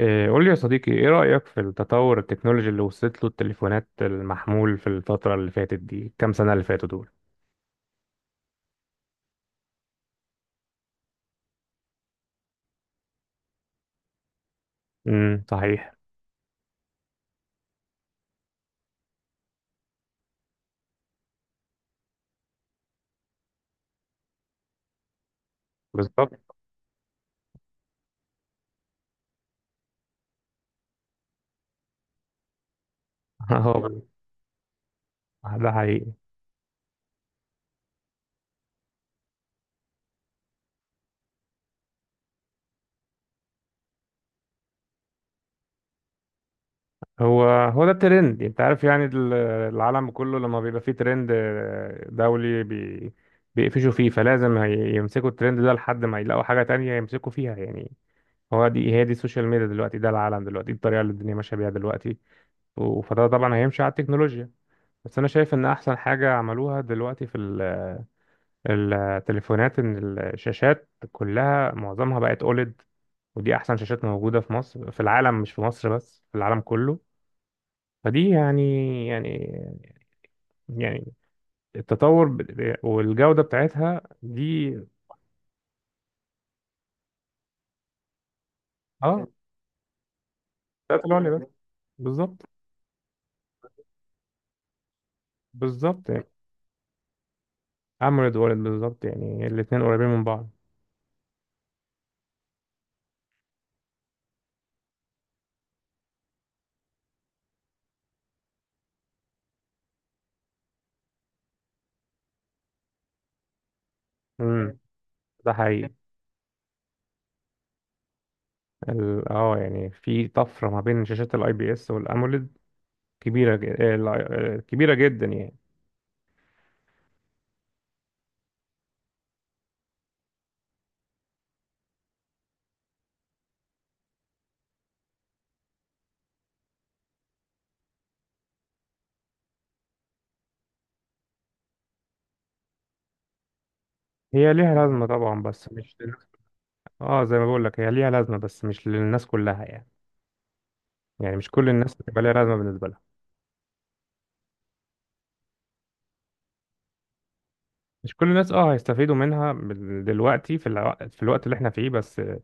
إيه، قول لي يا صديقي، ايه رأيك في التطور التكنولوجي اللي وصلت له التليفونات المحمول في الفترة اللي فاتت دي؟ كام سنة اللي فاتوا دول؟ صحيح. بالظبط. اهو. ده حقيقي. هو هو ده الترند، انت عارف يعني، العالم كله لما بيبقى فيه ترند دولي، بيقفشوا فيه، فلازم يمسكوا الترند ده لحد ما يلاقوا حاجة تانية يمسكوا فيها، يعني. هو دي هي دي السوشيال ميديا دلوقتي، ده العالم دلوقتي، دي الطريقة اللي الدنيا ماشية بيها دلوقتي، فده طبعا هيمشي على التكنولوجيا. بس انا شايف ان احسن حاجه عملوها دلوقتي في التليفونات، ان الشاشات كلها، معظمها بقت اوليد. ودي احسن شاشات موجوده في مصر، في العالم، مش في مصر بس، في العالم كله. فدي يعني، يعني يعني التطور والجوده بتاعتها دي. اه، بتاعت الأولد بس. بالظبط، بالظبط يعني، اموليد اوليد، بالظبط يعني الاثنين قريبين من بعض. امم ده حقيقي. اه يعني في طفره ما بين شاشات الاي بي اس والاموليد. كبيرة جدا يعني. هي ليها لازمة طبعا، بس مش اه، زي ما بقول لك، هي ليها لازمة بس مش للناس كلها، يعني يعني مش كل الناس هتبقى ليها لازمة بالنسبة لها. مش كل الناس اه هيستفيدوا منها دلوقتي، في الوقت اللي احنا فيه بس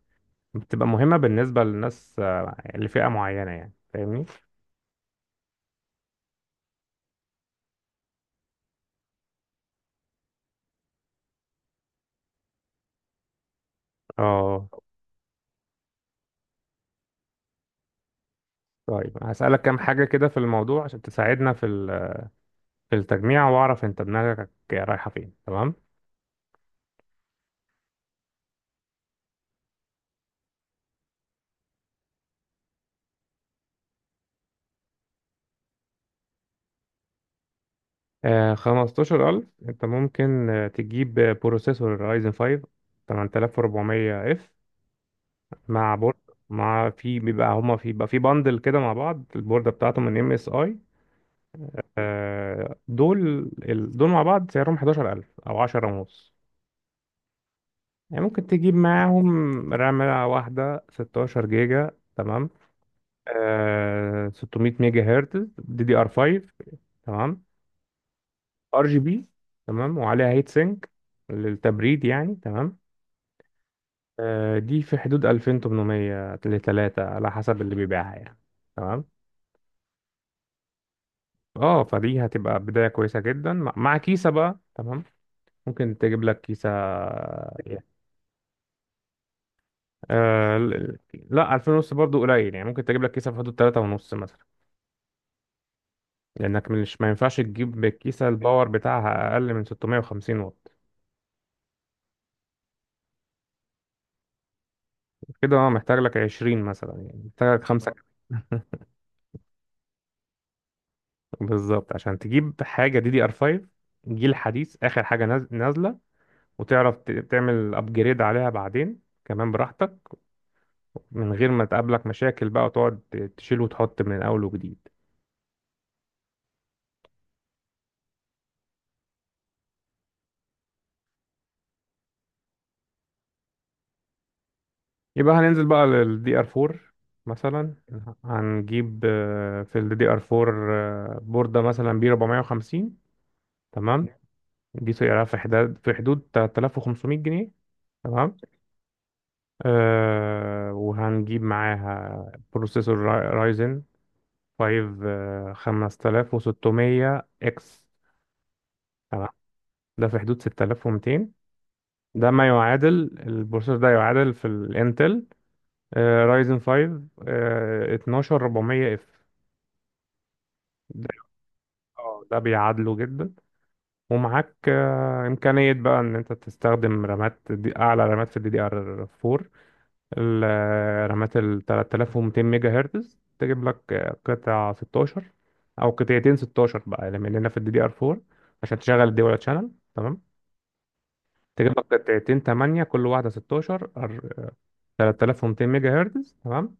بتبقى مهمة بالنسبة للناس لفئة معينة، يعني، فاهمني؟ اه، طيب، هسألك كام حاجة كده في الموضوع عشان تساعدنا في في التجميع، واعرف انت دماغك رايحة فين. تمام. خمستاشر ألف. أنت ممكن تجيب بروسيسور أيزن 5 8400 اف مع بورد. مع في بيبقى هما في بيبقى في باندل كده مع بعض، البوردة بتاعته من ام اس اي. دول، دول مع بعض سعرهم 11000 أو 10 ونص. يعني ممكن تجيب معاهم رامة واحدة 16 جيجا. تمام. 600 ميجا هرتز، دي دي ار 5. تمام. ار جي بي. تمام. وعليها هيت سينك للتبريد يعني. تمام. دي في حدود 2800 ل 3، على حسب اللي بيبيعها يعني. تمام. اه، فدي هتبقى بداية كويسة جدا، مع كيسة بقى. تمام. ممكن تجيب لك كيسة، يعني. آه ل- لا، 2000 ونص برضو قليل. يعني ممكن تجيب لك كيسة في حدود 3 ونص مثلا. لأنك مش ما ينفعش تجيب الكيسة الباور بتاعها أقل من 650 واط. كده، اه، محتاج لك 20 مثلا، يعني محتاج لك خمسة. بالظبط، عشان تجيب حاجة دي دي ار 5، جيل حديث، آخر حاجة نازلة، وتعرف تعمل ابجريد عليها بعدين كمان براحتك، من غير ما تقابلك مشاكل بقى، وتقعد تشيل وتحط من اول وجديد. يبقى هننزل بقى للدي ار 4 مثلا. هنجيب في الدي ار 4 بوردة مثلا بي 450. تمام. دي سعرها في حدود 3500 جنيه. تمام. أه، وهنجيب معاها بروسيسور رايزن 5 5600 اكس. تمام. ده في حدود 6200. ده ما يعادل، البروسيسور ده يعادل في الانتل رايزن 5 12400 اف. ده ده بيعادله جدا. ومعاك امكانيه بقى ان انت تستخدم رامات، دي اعلى رامات في الدي دي ار 4. الرامات ال 3200 ميجا هرتز، تجيب لك قطع 16، او قطعتين 16 بقى، لان في الدي دي ار 4 عشان تشغل الدول شانل. تمام. تجيب لك قطعتين 8، كل واحده 16، 3200 ميجا هرتز. تمام.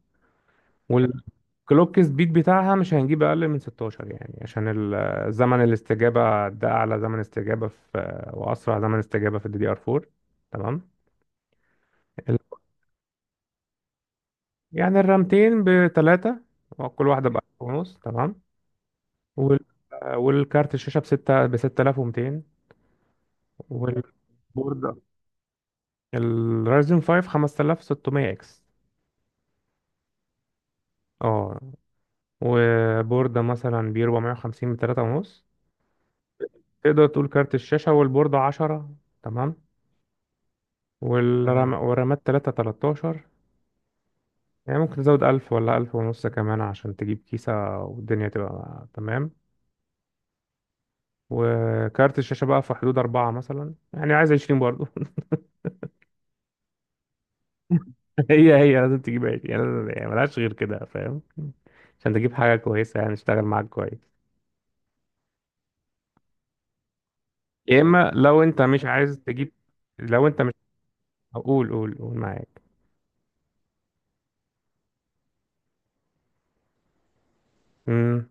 والكلوك سبيد بتاعها، مش هنجيب اقل من 16 يعني، عشان زمن الاستجابه، ده اعلى زمن استجابه واسرع زمن استجابه في الدي دي ار 4. تمام. ال- يعني الرامتين بثلاثه، كل واحده ب 1000 ونص. تمام. وال والكارت الشاشه بستة ب 6200، والبورده، الرايزن 5 5600 اكس. اه، وبورده مثلا ب 450، ب 3 ونص. تقدر تقول كارت الشاشه والبورده 10. تمام. اه، ورمات تلاتة تلتاشر. يعني ممكن تزود ألف ولا ألف ونص كمان عشان تجيب كيسة، والدنيا تبقى تمام. وكارت الشاشة بقى في حدود أربعة مثلا، يعني عايز عشرين برضه. هي هي لازم تجيب عشرين يعني، يعني ملهاش غير كده، فاهم؟ عشان تجيب حاجة كويسة يعني، تشتغل معاك كويس. يا إما، لو أنت مش عايز تجيب، لو أنت مش قول، قول، قول معاك. امم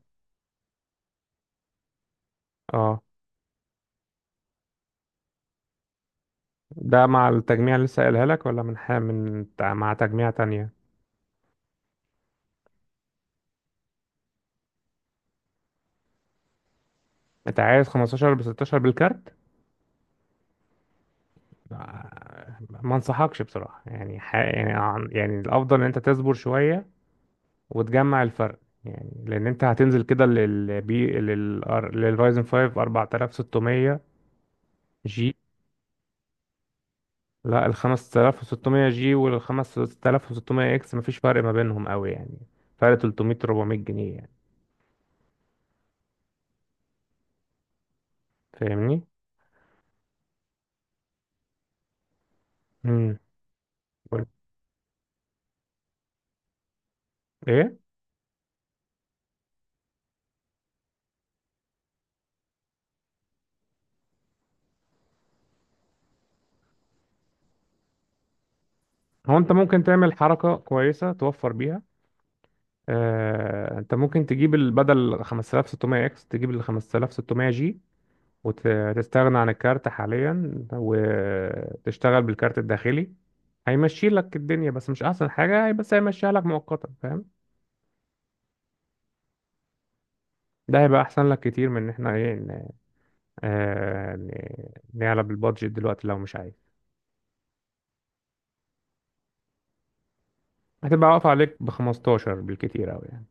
اه ده مع التجميع اللي لسه قايلها لك، ولا من حاجة من مع تجميع تانية؟ أنت عايز خمستاشر بستاشر بالكارت؟ ما انصحكش بصراحة، يعني يعني يعني الافضل ان انت تصبر شوية وتجمع الفرق، يعني لان انت هتنزل كده للبي لل للرايزن 5 4600 جي. لا، ال 5600 جي وال 5600 اكس مفيش فرق ما بينهم قوي، يعني فرق 300 400 جنيه يعني، فاهمني؟ امم ايه هو انت ممكن تعمل حركة كويسة توفر بيها. انت ممكن تجيب بدل 5600 اكس تجيب ال 5600 جي، وتستغنى عن الكارت حاليا وتشتغل بالكارت الداخلي. هيمشي لك الدنيا، بس مش احسن حاجة، بس هيمشيها لك مؤقتا، فاهم؟ ده هيبقى احسن لك كتير من ان احنا نعلى بالبادجت دلوقتي لو مش عايز. هتبقى واقف عليك ب 15 بالكتير قوي يعني.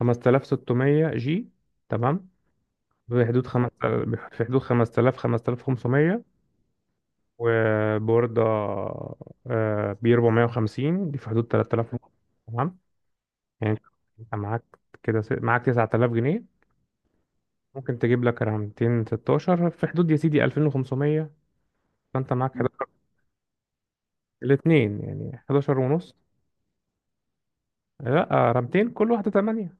5600 جي. تمام. في حدود خمس في حدود 5000 5500. وبوردة بي 450، دي في حدود 3000. تمام. يعني انت معاك كده، معاك 9000 جنيه. ممكن تجيب لك رامتين 16 في حدود يا سيدي 2500. فانت معاك 11. الاثنين يعني 11 ونص. لا، رامتين كل واحده 8.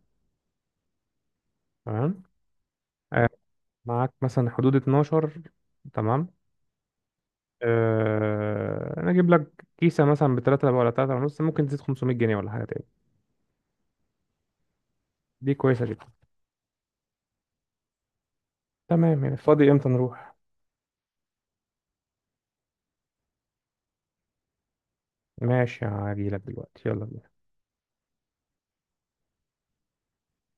تمام. آه، معاك مثلا حدود 12. تمام. انا اجيب لك كيسه مثلا ب 3 ولا 3 ونص، ممكن تزيد 500 جنيه ولا حاجه تاني. دي كويسه جدا. تمام. يعني فاضي امتى نروح؟ ماشي، هاجي لك دلوقتي. يلا بينا.